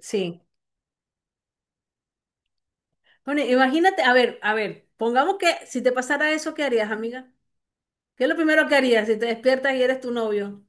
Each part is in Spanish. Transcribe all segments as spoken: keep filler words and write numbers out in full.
Sí. Bueno, imagínate, a ver, a ver, pongamos que si te pasara eso, ¿qué harías, amiga? ¿Qué es lo primero que harías si te despiertas y eres tu novio?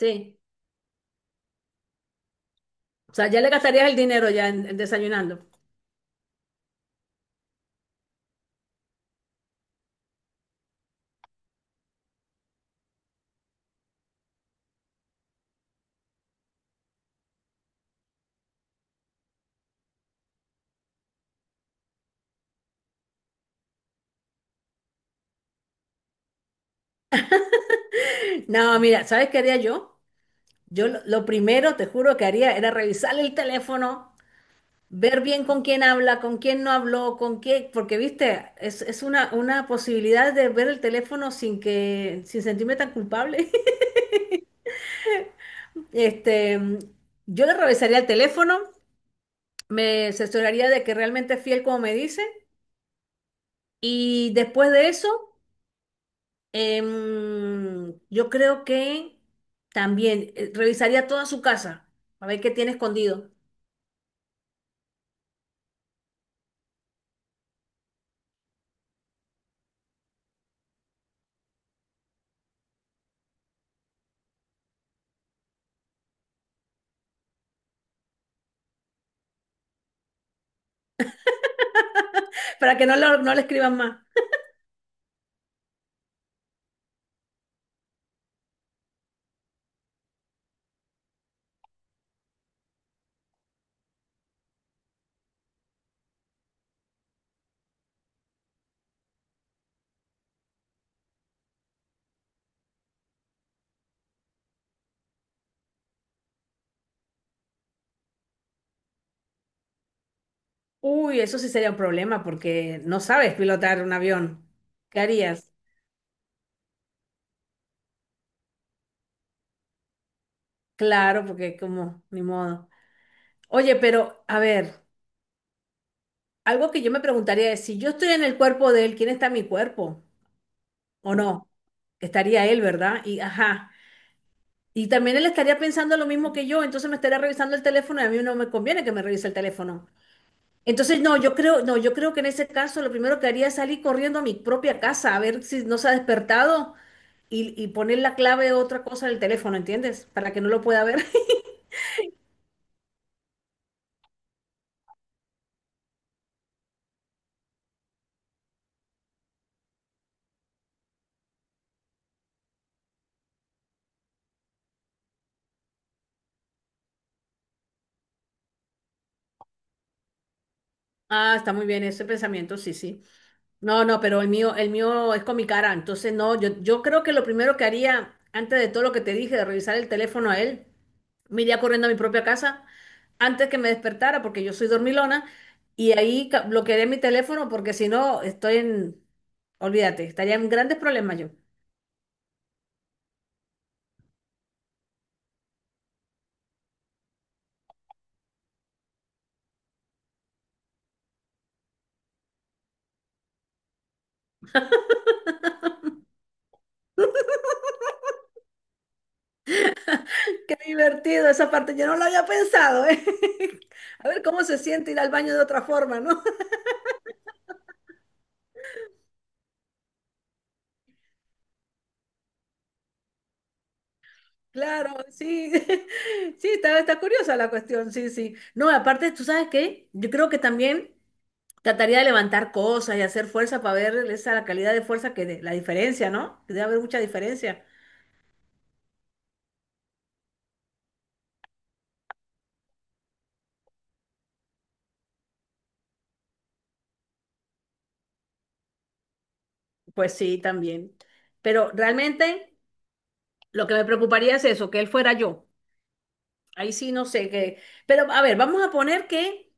Sí. O sea, ya le gastarías el dinero ya en, en desayunando. No, mira, ¿sabes qué haría yo? Yo lo, lo primero, te juro que haría era revisar el teléfono, ver bien con quién habla, con quién no habló, con qué, porque viste, es, es una, una posibilidad de ver el teléfono sin que, sin sentirme tan culpable. Este, yo le revisaría el teléfono. Me asesoraría de que realmente es fiel como me dice. Y después de eso, em, yo creo que también eh, revisaría toda su casa para ver qué tiene escondido, para que no, lo- no le escriban más. Uy, eso sí sería un problema porque no sabes pilotar un avión. ¿Qué harías? Claro, porque como, ni modo. Oye, pero a ver, algo que yo me preguntaría es, si yo estoy en el cuerpo de él, ¿quién está en mi cuerpo? ¿O no? Estaría él, ¿verdad? Y ajá. Y también él estaría pensando lo mismo que yo, entonces me estaría revisando el teléfono y a mí no me conviene que me revise el teléfono. Entonces, no, yo creo, no, yo creo que en ese caso lo primero que haría es salir corriendo a mi propia casa a ver si no se ha despertado y, y poner la clave de otra cosa del teléfono, ¿entiendes? Para que no lo pueda ver. Ah, está muy bien ese pensamiento, sí, sí. No, no, pero el mío, el mío es con mi cara, entonces no, yo, yo creo que lo primero que haría, antes de todo lo que te dije, de revisar el teléfono a él, me iría corriendo a mi propia casa antes que me despertara, porque yo soy dormilona, y ahí ca- bloquearé mi teléfono, porque si no, estoy en, olvídate, estaría en grandes problemas yo. Qué divertido esa parte, yo no lo había pensado, ¿eh? A ver cómo se siente ir al baño de otra forma, ¿no? Claro, sí, sí, está, está curiosa la cuestión, sí, sí. No, aparte, ¿tú sabes qué? Yo creo que también trataría de levantar cosas y hacer fuerza para ver esa la calidad de fuerza que de- la diferencia, ¿no? Que debe haber mucha diferencia. Pues sí, también. Pero realmente lo que me preocuparía es eso, que él fuera yo. Ahí sí no sé qué. Pero a ver, vamos a poner que,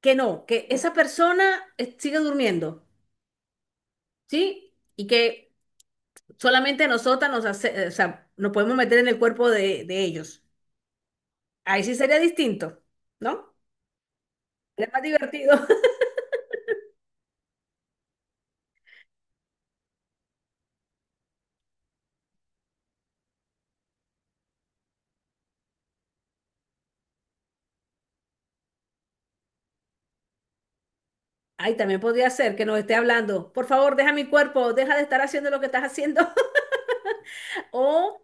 que no, que esa persona eh, sigue durmiendo, ¿sí? Y que solamente nosotras nos hace- eh, o sea, nos podemos meter en el cuerpo de, de ellos. Ahí sí sería distinto, ¿no? Es más divertido. Ahí también podría ser que nos esté hablando, por favor, deja mi cuerpo, deja de estar haciendo lo que estás haciendo. O,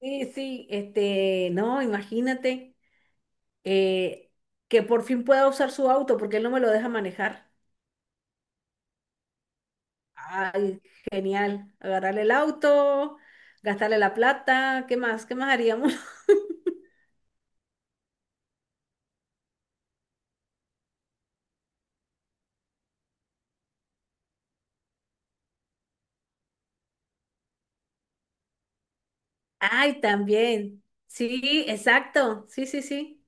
sí, sí, este, no, imagínate eh, que por fin pueda usar su auto porque él no me lo deja manejar. Ay, genial. Agarrarle el auto, gastarle la plata, ¿qué más? ¿Qué más haríamos? Ay, también. Sí, exacto. Sí, sí, sí.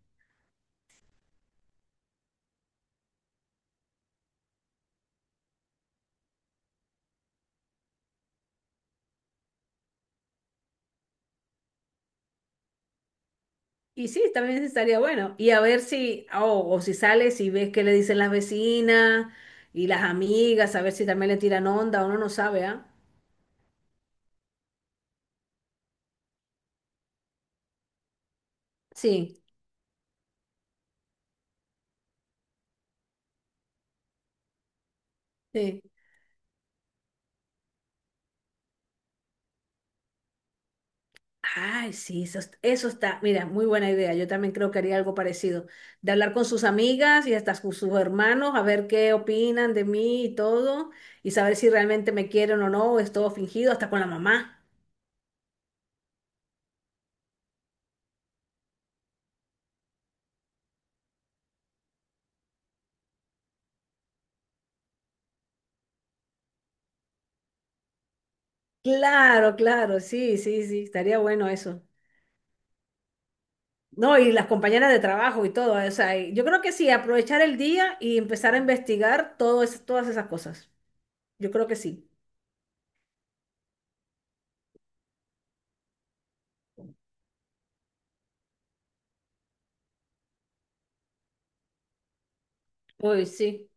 Y sí, también estaría bueno. Y a ver si, oh, o si sales y ves qué le dicen las vecinas y las amigas, a ver si también le tiran onda, uno no sabe, ¿ah? Sí, sí. Ay, sí, eso, est- eso está, mira, muy buena idea. Yo también creo que haría algo parecido, de hablar con sus amigas y hasta con sus hermanos, a ver qué opinan de mí y todo, y saber si realmente me quieren o no, o es todo fingido, hasta con la mamá. Claro, claro, sí, sí, sí, estaría bueno eso. No, y las compañeras de trabajo y todo, o sea, y yo creo que sí, aprovechar el día y empezar a investigar todo es- todas esas cosas. Yo creo que sí. Uy, sí.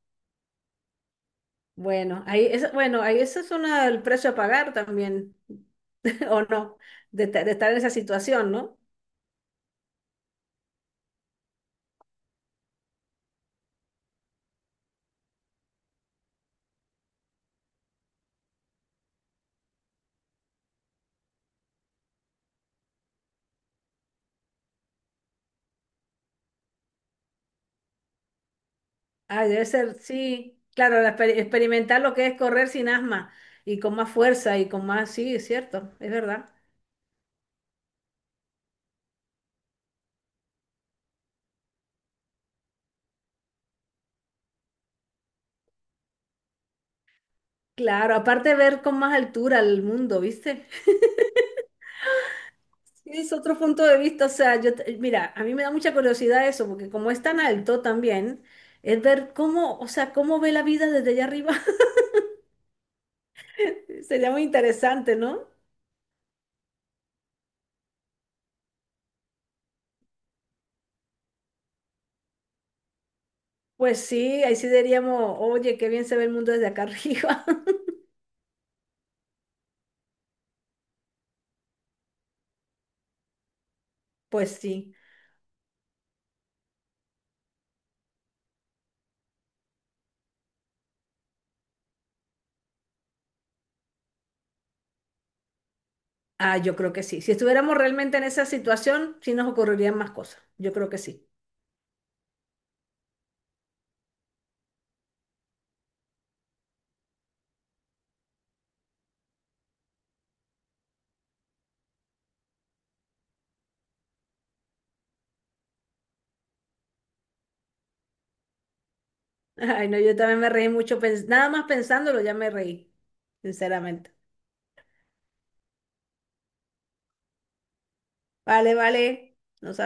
Bueno, ahí es, bueno, ahí ese es una, el precio a pagar también, o no, de, ta- de estar en esa situación, ¿no? Ay, debe ser, sí, claro, la exper- experimentar lo que es correr sin asma y con más fuerza y con más, sí, es cierto, es verdad. Claro, aparte ver con más altura el mundo, ¿viste? Es otro punto de vista, o sea, yo, te- mira, a mí me da mucha curiosidad eso, porque como es tan alto también, es ver cómo, o sea, cómo ve la vida desde allá arriba. Sería muy interesante, ¿no? Pues sí, ahí sí diríamos, oye, qué bien se ve el mundo desde acá arriba. Pues sí, ah, yo creo que sí. Si estuviéramos realmente en esa situación, sí nos ocurrirían más cosas. Yo creo que sí. Ay, no, yo también me reí mucho, pens- nada más pensándolo ya me reí, sinceramente. Vale, vale, nos